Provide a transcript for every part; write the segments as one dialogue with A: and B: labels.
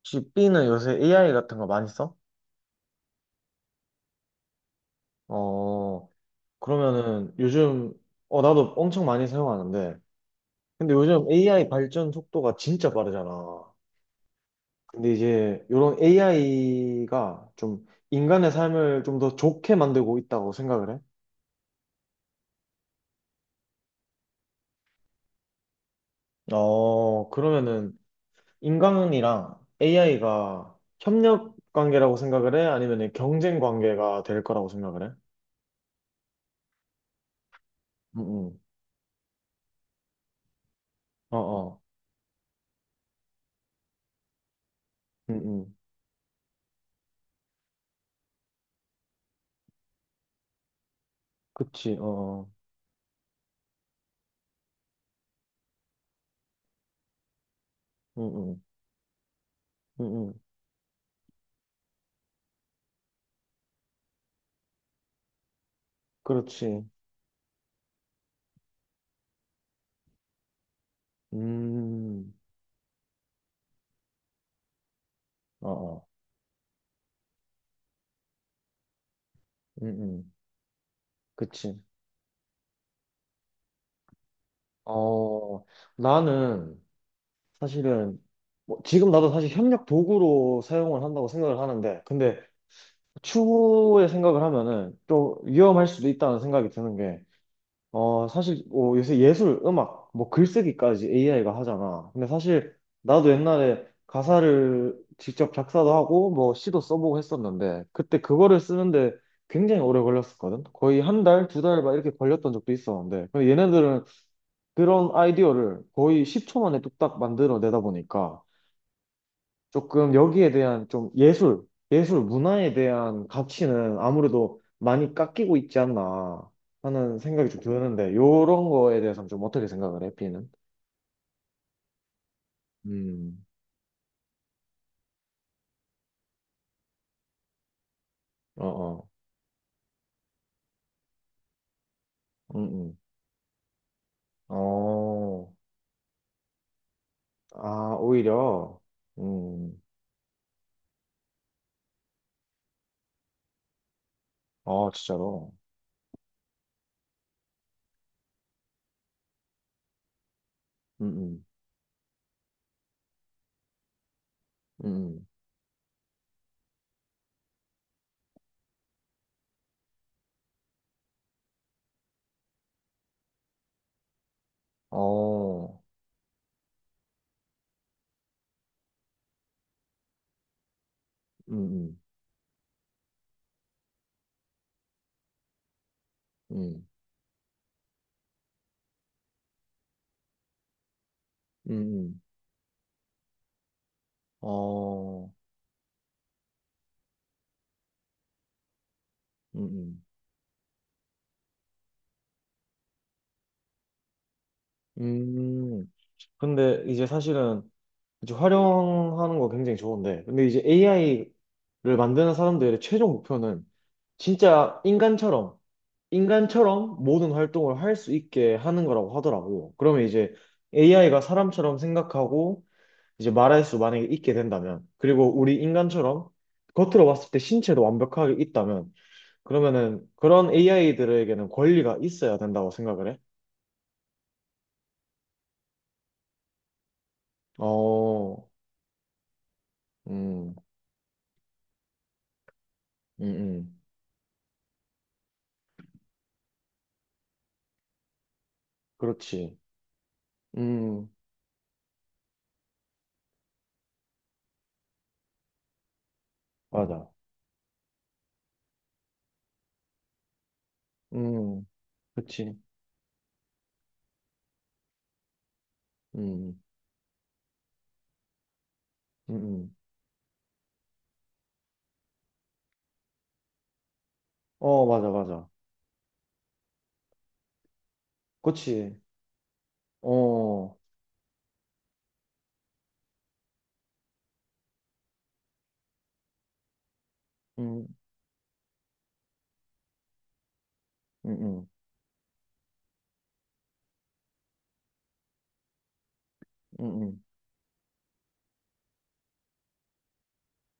A: 혹시 B는 요새 AI 같은 거 많이 써? 어, 그러면은 요즘, 어, 나도 엄청 많이 사용하는데, 근데 요즘 AI 발전 속도가 진짜 빠르잖아. 근데 이제 이런 AI가 좀 인간의 삶을 좀 더 좋게 만들고 있다고 생각을 해? 어, 그러면은 인간이랑 AI가 협력 관계라고 생각을 해? 아니면 경쟁 관계가 될 거라고 생각을 해? 응, 응. 어, 어. 응, 응. 그치, 어, 어. 응, 응. 응, 응. 그렇지. 음, 어, 어, 음, 음, 그치. 어, 나는 사실은 뭐 지금 나도 사실 협력 도구로 사용을 한다고 생각을 하는데, 근데 추후에 생각을 하면은 또 위험할 수도 있다는 생각이 드는 어, 사실, 어, 요새 예술, 음악, 뭐 글쓰기까지 AI가 하잖아. 근데 사실, 나도 옛날에 가사를 직접 작사도 하고, 뭐 시도 써보고 했었는데, 그때 그거를 쓰는데 굉장히 오래 걸렸었거든? 거의 한 달, 두 달 막 이렇게 걸렸던 적도 있었는데, 근데 얘네들은 그런 아이디어를 거의 10초 만에 뚝딱 만들어 내다 보니까, 조금 여기에 대한 좀 예술 문화에 대한 가치는 아무래도 많이 깎이고 있지 않나 하는 생각이 좀 드는데, 요런 거에 대해서는 좀 어떻게 생각을 해, B는? 음, 어, 어, 음, 음. 어, 아, 오히려, 음, 어, 진짜로, 음, 음, 음, 음. 어, 음, 음, 음, 음, 음. 어, 음, 음. 음, 근데 이제 사실은 이제 활용하는 거 굉장히 좋은데. 근데 이제 AI를 만드는 사람들의 최종 목표는 진짜 인간처럼, 인간처럼 모든 활동을 할 수 있게 하는 거라고 하더라고. 그러면 이제 AI가 사람처럼 생각하고 이제 말할 수 만약에 있게 된다면, 그리고 우리 인간처럼 겉으로 봤을 때 신체도 완벽하게 있다면, 그러면은 그런 AI들에게는 권리가 있어야 된다고 생각을 해. 어, 음, 음, 음. 그렇지. 음, 맞아. 음, 그치. 음, 음, 음. 음. 어, 맞아, 맞아. 그치. 어, 음, 음, 음, 음, 음.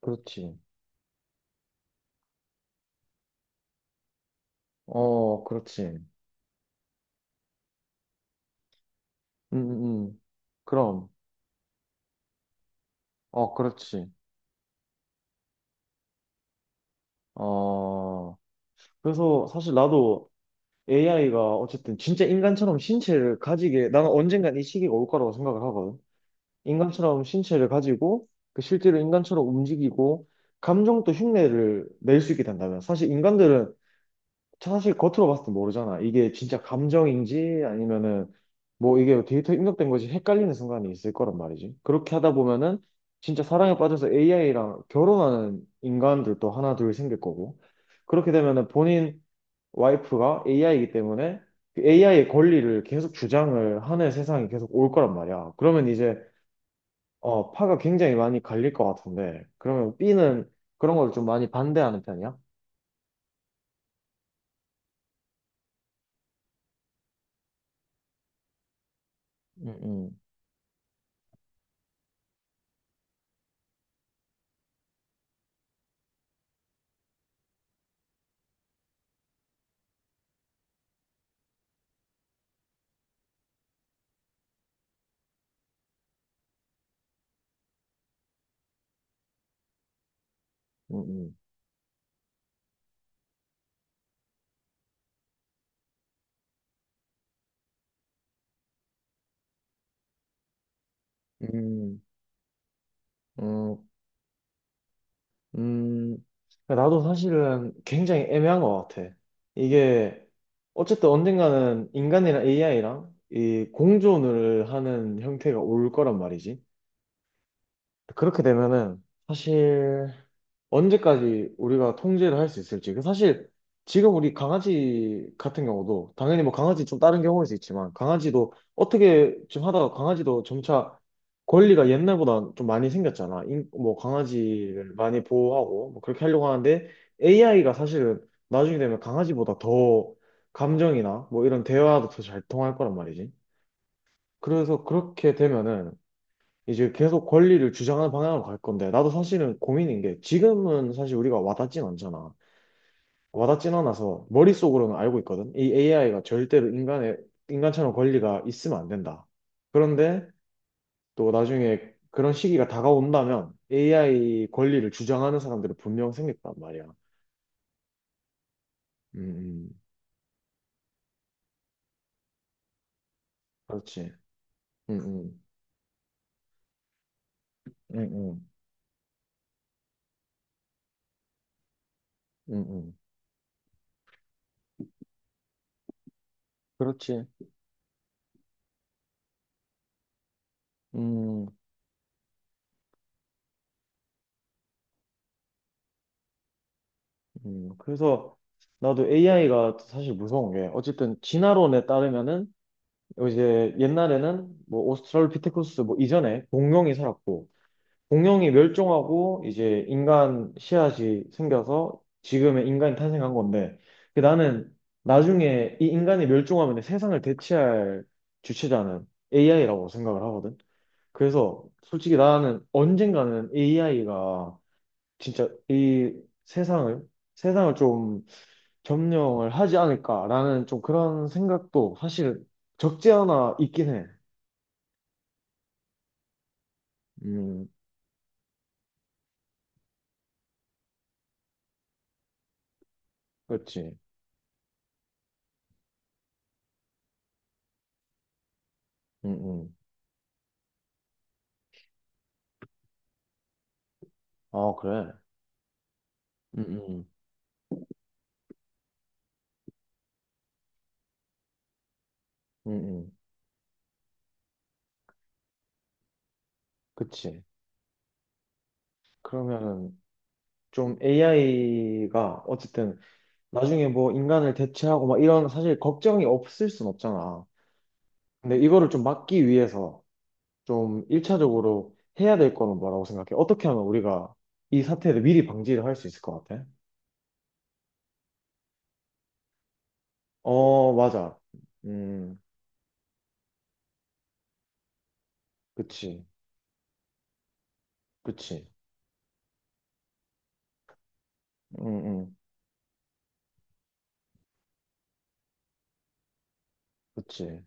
A: 그렇지. 어, 그렇지. 음, 음. 그럼. 어, 그렇지. 어, 그래서 사실 나도 AI가 어쨌든 진짜 인간처럼 신체를 가지게, 나는 언젠간 이 시기가 올 거라고 생각을 하거든. 인간처럼 신체를 가지고, 그 실제로 인간처럼 움직이고, 감정도 흉내를 낼 수 있게 된다면, 사실 인간들은 사실 겉으로 봤을 때 모르잖아. 이게 진짜 감정인지 아니면은 뭐 이게 데이터 입력된 것이 헷갈리는 순간이 있을 거란 말이지. 그렇게 하다 보면은 진짜 사랑에 빠져서 AI랑 결혼하는 인간들도 하나 둘 생길 거고. 그렇게 되면은 본인 와이프가 AI이기 때문에 AI의 권리를 계속 주장을 하는 세상이 계속 올 거란 말이야. 그러면 이제 어, 파가 굉장히 많이 갈릴 것 같은데. 그러면 B는 그런 걸 좀 많이 반대하는 편이야? 음, 음, 음, 음. 음, 음, 나도 사실은 굉장히 애매한 것 같아. 이게, 어쨌든 언젠가는 인간이랑 AI랑 이 공존을 하는 형태가 올 거란 말이지. 그렇게 되면은 사실 언제까지 우리가 통제를 할 수 있을지. 그 사실 지금 우리 강아지 같은 경우도 당연히 뭐 강아지 좀 다른 경우일 수 있지만 강아지도 어떻게 좀 하다가 강아지도 점차 권리가 옛날보다 좀 많이 생겼잖아. 인- 뭐 강아지를 많이 보호하고 뭐 그렇게 하려고 하는데 AI가 사실은 나중에 되면 강아지보다 더 감정이나 뭐 이런 대화도 더 잘 통할 거란 말이지. 그래서 그렇게 되면은 이제 계속 권리를 주장하는 방향으로 갈 건데, 나도 사실은 고민인 게, 지금은 사실 우리가 와닿진 않잖아. 와닿진 않아서, 머릿속으로는 알고 있거든? 이 AI가 절대로 인간의, 인간처럼 권리가 있으면 안 된다. 그런데 또 나중에 그런 시기가 다가온다면, AI 권리를 주장하는 사람들은 분명 생겼단 말이야. 음. 그렇지. 음, 음. 음, 음. 음, 음. 그렇지. 음, 그래서 나도 AI가 사실 무서운 게, 어쨌든 진화론에 따르면은, 이제 옛날에는 뭐 오스트랄로피테쿠스 뭐 이전에 공룡이 살았고 공룡이 멸종하고 이제 인간 씨앗이 생겨서 지금의 인간이 탄생한 건데 그 나는 나중에 이 인간이 멸종하면 세상을 대체할 주체자는 AI라고 생각을 하거든. 그래서 솔직히 나는 언젠가는 AI가 진짜 이 세상을 세상을 좀 점령을 하지 않을까라는 좀 그런 생각도 사실 적지 않아 있긴 해. 음, 그렇지. 음, 음. 아, 그래. 음, 음, 음, 음. 그치. 그러면은 좀 AI가 어쨌든 나중에 뭐 인간을 대체하고 막 이런 사실 걱정이 없을 순 없잖아. 근데 이거를 좀 막기 위해서 좀 1차적으로 해야 될 거는 뭐라고 생각해? 어떻게 하면 우리가 이 사태를 미리 방지를 할 수 있을 것 같아? 어, 맞아. 음, 그치. 그치. 음, 음, 그치.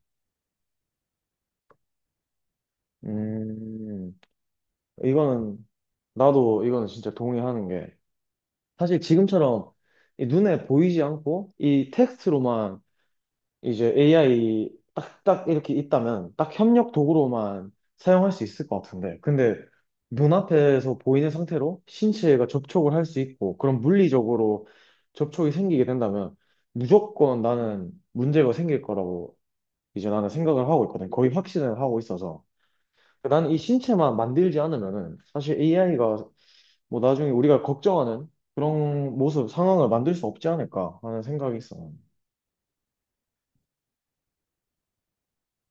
A: 음, 이거는, 나도 이거는 진짜 동의하는 게, 사실 지금처럼 이 눈에 보이지 않고 이 텍스트로만 이제 AI 딱딱 이렇게 있다면 딱 협력 도구로만 사용할 수 있을 것 같은데. 근데 눈앞에서 보이는 상태로 신체가 접촉을 할 수 있고 그런 물리적으로 접촉이 생기게 된다면 무조건 나는 문제가 생길 거라고 이제 나는 생각을 하고 있거든. 거의 확신을 하고 있어서. 나는 이 신체만 만들지 않으면은 사실 AI가 뭐 나중에 우리가 걱정하는 그런 모습, 상황을 만들 수 없지 않을까 하는 생각이 있어.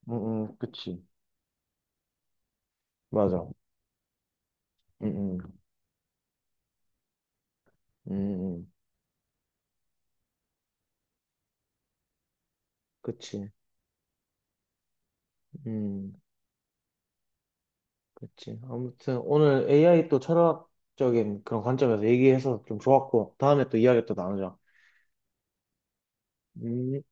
A: 응, 응, 그치. 맞아. 응, 응. 음, 그치. 음, 그치. 아무튼 오늘 AI 또 철학적인 그런 관점에서 얘기해서 좀 좋았고, 다음에 또 이야기 또 나누자. 음.